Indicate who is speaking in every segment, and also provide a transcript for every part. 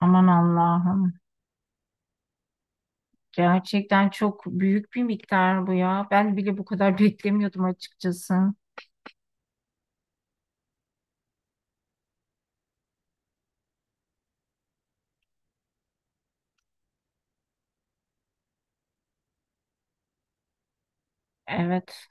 Speaker 1: Aman Allah'ım. Gerçekten çok büyük bir miktar bu ya. Ben bile bu kadar beklemiyordum açıkçası. Evet.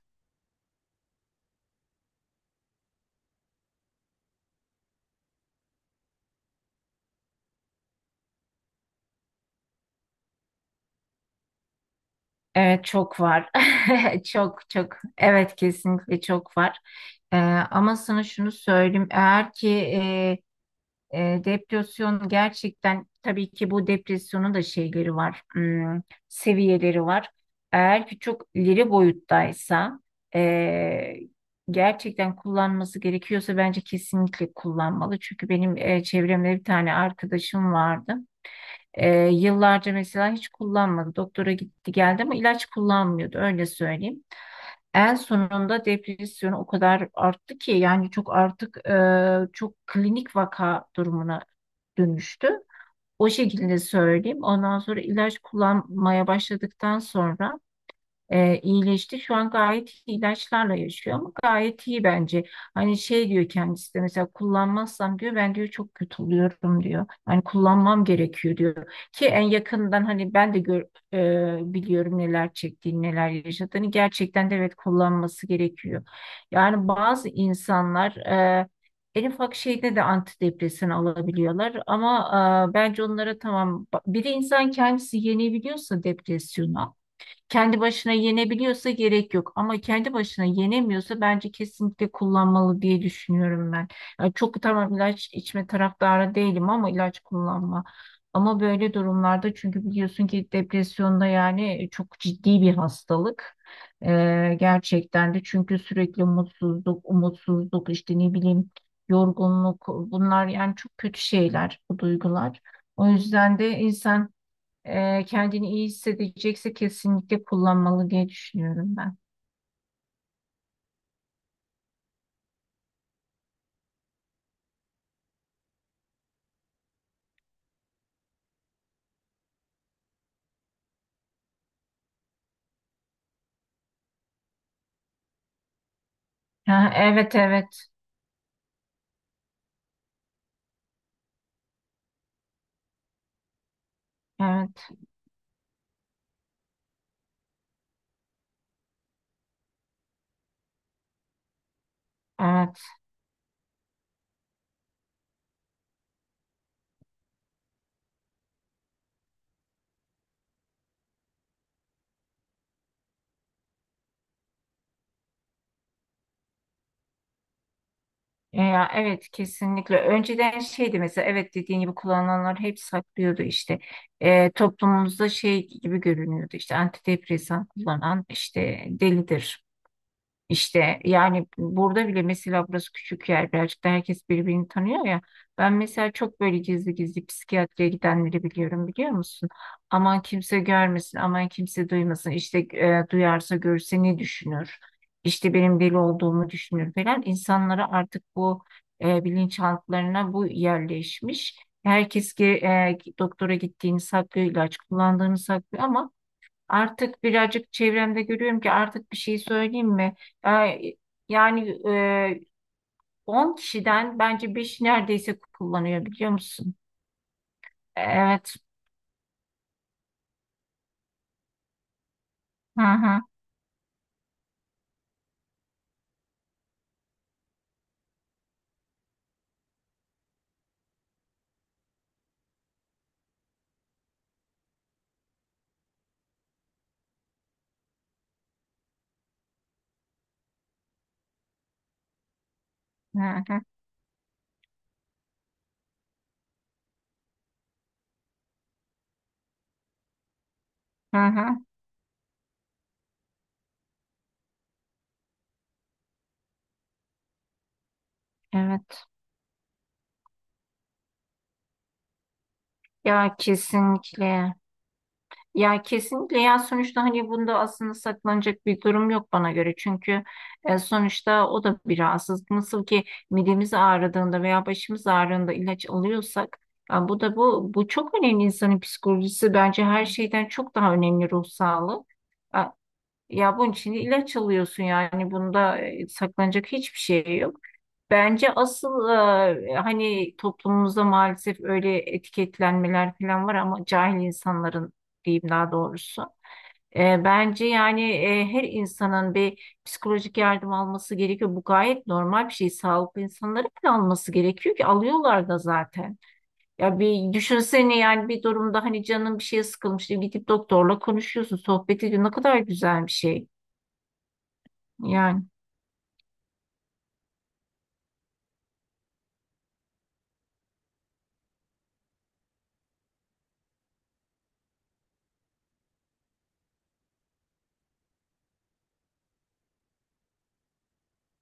Speaker 1: Evet çok var. Çok çok. Evet kesinlikle çok var. Ee, ama sana şunu söyleyeyim. Eğer ki depresyon gerçekten tabii ki bu depresyonun da şeyleri var, hmm, seviyeleri var. Eğer ki çok ileri boyuttaysa e, gerçekten kullanması gerekiyorsa bence kesinlikle kullanmalı. Çünkü benim çevremde bir tane arkadaşım vardı. Yıllarca mesela hiç kullanmadı. Doktora gitti geldi ama ilaç kullanmıyordu öyle söyleyeyim. En sonunda depresyon o kadar arttı ki yani çok artık çok klinik vaka durumuna dönüştü. O şekilde söyleyeyim. Ondan sonra ilaç kullanmaya başladıktan sonra iyileşti. Şu an gayet iyi ilaçlarla yaşıyor ama gayet iyi bence. Hani şey diyor kendisi de mesela kullanmazsam diyor ben diyor çok kötü oluyorum diyor. Hani kullanmam gerekiyor diyor. Ki en yakından hani ben de biliyorum neler çektiğini, neler yaşadığını. Gerçekten de evet kullanması gerekiyor. Yani bazı insanlar en ufak şeyde de antidepresan alabiliyorlar ama bence onlara tamam bir insan kendisi yenebiliyorsa depresyonu kendi başına yenebiliyorsa gerek yok ama kendi başına yenemiyorsa bence kesinlikle kullanmalı diye düşünüyorum ben. Yani çok tamam ilaç içme taraftarı değilim ama ilaç kullanma. Ama böyle durumlarda çünkü biliyorsun ki depresyonda yani çok ciddi bir hastalık. Gerçekten de çünkü sürekli mutsuzluk, umutsuzluk işte ne bileyim yorgunluk bunlar yani çok kötü şeyler bu duygular. O yüzden de insan kendini iyi hissedecekse kesinlikle kullanmalı diye düşünüyorum ben. Ha, evet evet, evet evet. Ya evet kesinlikle önceden şeydi mesela evet dediğin gibi kullananlar hep saklıyordu işte. Toplumumuzda şey gibi görünüyordu işte antidepresan kullanan işte delidir. İşte yani burada bile mesela burası küçük yer birazcık da herkes birbirini tanıyor ya. Ben mesela çok böyle gizli gizli psikiyatriye gidenleri biliyorum biliyor musun? Aman kimse görmesin, aman kimse duymasın. İşte duyarsa görse ne düşünür? İşte benim deli olduğumu düşünür falan. İnsanlara artık bu bilinçaltlarına bu yerleşmiş. Herkes ki doktora gittiğini saklıyor, ilaç kullandığını saklıyor ama artık birazcık çevremde görüyorum ki artık bir şey söyleyeyim mi? Ee, Yani e, 10 kişiden bence 5 neredeyse kullanıyor biliyor musun? Evet. Hı hı. Hı hı. Hı hı. Evet. Ya kesinlikle. Ya kesinlikle ya sonuçta hani bunda aslında saklanacak bir durum yok bana göre. Çünkü sonuçta o da bir rahatsızlık. Nasıl ki midemiz ağrıdığında veya başımız ağrıdığında ilaç alıyorsak ya bu da bu çok önemli insanın psikolojisi bence her şeyden çok daha önemli ruh sağlığı. Ya, ya bunun için ilaç alıyorsun yani bunda saklanacak hiçbir şey yok. Bence asıl hani toplumumuzda maalesef öyle etiketlenmeler falan var ama cahil insanların diyeyim daha doğrusu. Bence yani her insanın bir psikolojik yardım alması gerekiyor. Bu gayet normal bir şey. Sağlıklı insanların bile alması gerekiyor ki alıyorlar da zaten. Ya bir düşünsene yani bir durumda hani canın bir şeye sıkılmış diye gidip doktorla konuşuyorsun, sohbet ediyorsun. Ne kadar güzel bir şey. Yani.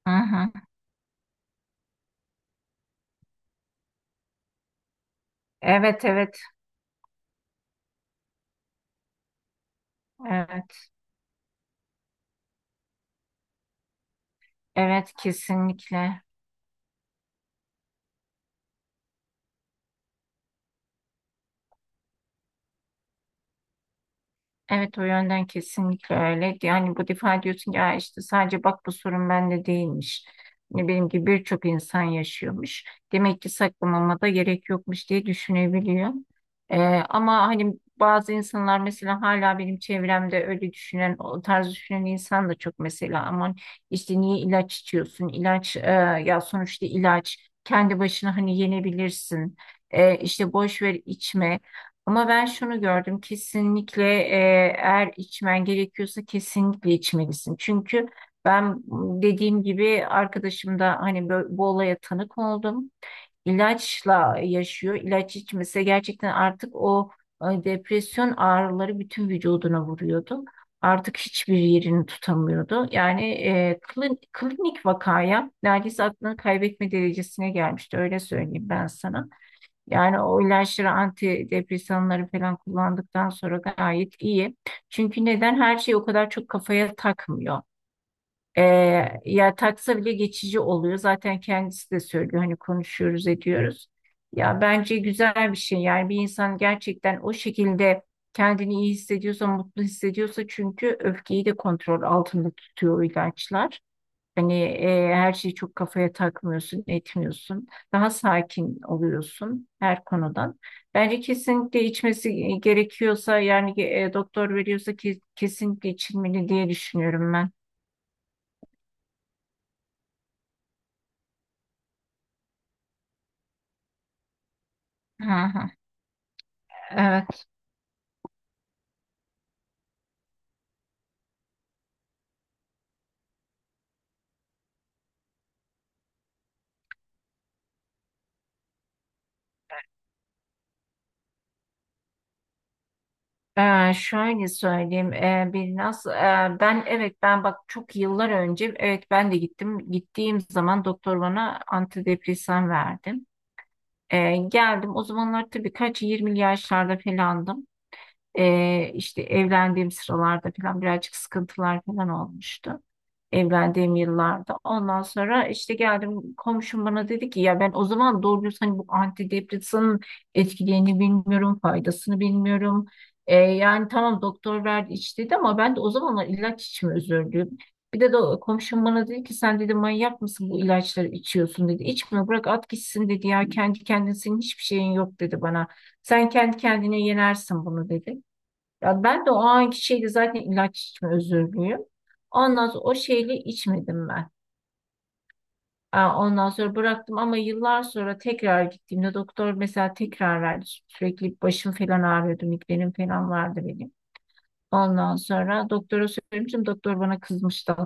Speaker 1: Hı hı. Evet evet, evet evet kesinlikle. Evet o yönden kesinlikle öyle. Yani bu defa diyorsun ki "Aa, işte sadece bak bu sorun bende değilmiş. Ne benim gibi birçok insan yaşıyormuş. Demek ki saklamama da gerek yokmuş diye düşünebiliyor. Ee, ama hani bazı insanlar mesela hala benim çevremde öyle düşünen, o tarz düşünen insan da çok mesela aman işte niye ilaç içiyorsun? Ya sonuçta ilaç kendi başına hani yenebilirsin. İşte boş ver içme. Ama ben şunu gördüm kesinlikle eğer içmen gerekiyorsa kesinlikle içmelisin. Çünkü ben dediğim gibi arkadaşım da hani bu olaya tanık oldum. İlaçla yaşıyor. İlaç içmese gerçekten artık o depresyon ağrıları bütün vücuduna vuruyordu. Artık hiçbir yerini tutamıyordu. Yani klinik vakaya neredeyse aklını kaybetme derecesine gelmişti öyle söyleyeyim ben sana. Yani o ilaçları antidepresanları falan kullandıktan sonra gayet iyi. Çünkü neden her şeyi o kadar çok kafaya takmıyor. Ee, ya taksa bile geçici oluyor. Zaten kendisi de söylüyor hani konuşuyoruz ediyoruz. Ya bence güzel bir şey. Yani bir insan gerçekten o şekilde kendini iyi hissediyorsa, mutlu hissediyorsa çünkü öfkeyi de kontrol altında tutuyor o ilaçlar. Hani her şeyi çok kafaya takmıyorsun, etmiyorsun. Daha sakin oluyorsun her konudan. Bence kesinlikle içmesi gerekiyorsa yani doktor veriyorsa ki, kesinlikle içilmeli diye düşünüyorum ben. Hı hı. Evet. Şöyle söyleyeyim, bir nasıl ben evet ben bak çok yıllar önce evet ben de gittim, gittiğim zaman doktor bana antidepresan verdi. Geldim o zamanlar tabii kaç 20 yaşlarda falandım. İşte evlendiğim sıralarda falan birazcık sıkıntılar falan olmuştu. Evlendiğim yıllarda. Ondan sonra işte geldim komşum bana dedi ki ya ben o zaman doğru düz hani bu antidepresanın etkilerini bilmiyorum, faydasını bilmiyorum. Yani tamam doktor verdi iç dedi ama ben de o zamanlar ilaç içimi özürdüm. Bir de komşum bana dedi ki sen dedi manyak mısın bu ilaçları içiyorsun dedi. İçme bırak at gitsin dedi ya kendi kendine senin hiçbir şeyin yok dedi bana. Sen kendi kendine yenersin bunu dedi. Ya ben de o anki şeyle zaten ilaç içme özürlüyüm. Ondan sonra o şeyle içmedim ben. Aa, ondan sonra bıraktım ama yıllar sonra tekrar gittiğimde doktor mesela tekrar verdi. Sürekli başım falan ağrıyordu, migrenim falan vardı benim. Ondan sonra doktora söylemiştim. Doktor bana kızmıştı.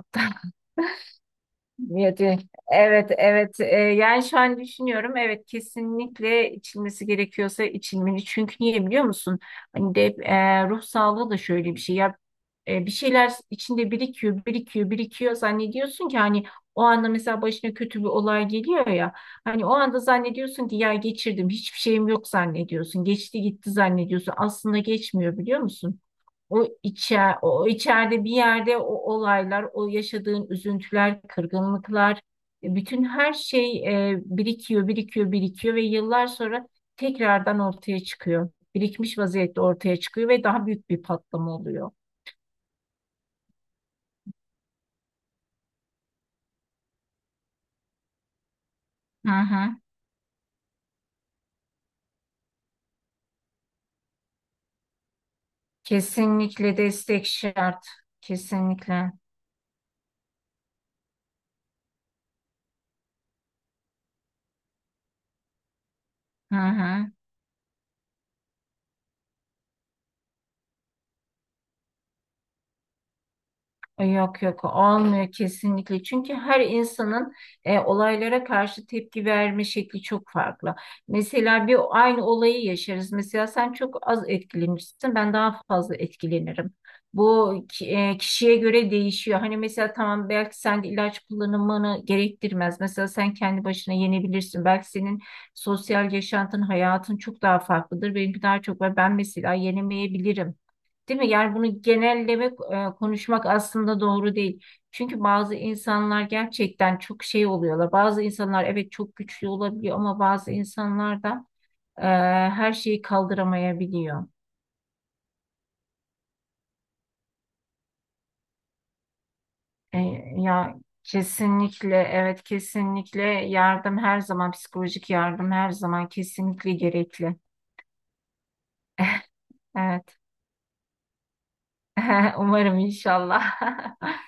Speaker 1: Niyeti. Evet, evet. Yani şu an düşünüyorum. Evet, kesinlikle içilmesi gerekiyorsa içilmeli. Çünkü niye biliyor musun? Hani de ruh sağlığı da şöyle bir şey. Ya bir şeyler içinde birikiyor, birikiyor, birikiyor. Zannediyorsun ki hani o anda mesela başına kötü bir olay geliyor ya. Hani o anda zannediyorsun ki ya geçirdim, hiçbir şeyim yok zannediyorsun. Geçti gitti zannediyorsun. Aslında geçmiyor biliyor musun? O içer, o içeride bir yerde o olaylar, o yaşadığın üzüntüler, kırgınlıklar, bütün her şey birikiyor, birikiyor, birikiyor ve yıllar sonra tekrardan ortaya çıkıyor. Birikmiş vaziyette ortaya çıkıyor ve daha büyük bir patlama oluyor. Hı hı. Kesinlikle destek şart. Kesinlikle. Hı hı. Yok yok olmuyor kesinlikle çünkü her insanın olaylara karşı tepki verme şekli çok farklı. Mesela bir aynı olayı yaşarız. Mesela sen çok az etkilenirsin, ben daha fazla etkilenirim. Kişiye göre değişiyor. Hani mesela tamam belki sen de ilaç kullanımını gerektirmez. Mesela sen kendi başına yenebilirsin. Belki senin sosyal yaşantın, hayatın çok daha farklıdır. Benimki daha çok var. Ben mesela yenemeyebilirim. Değil mi? Yani bunu genellemek, konuşmak aslında doğru değil. Çünkü bazı insanlar gerçekten çok şey oluyorlar. Bazı insanlar evet çok güçlü olabiliyor ama bazı insanlar da e, her şeyi kaldıramayabiliyor. E, ya kesinlikle evet kesinlikle yardım her zaman psikolojik yardım her zaman kesinlikle gerekli. Evet. Umarım inşallah.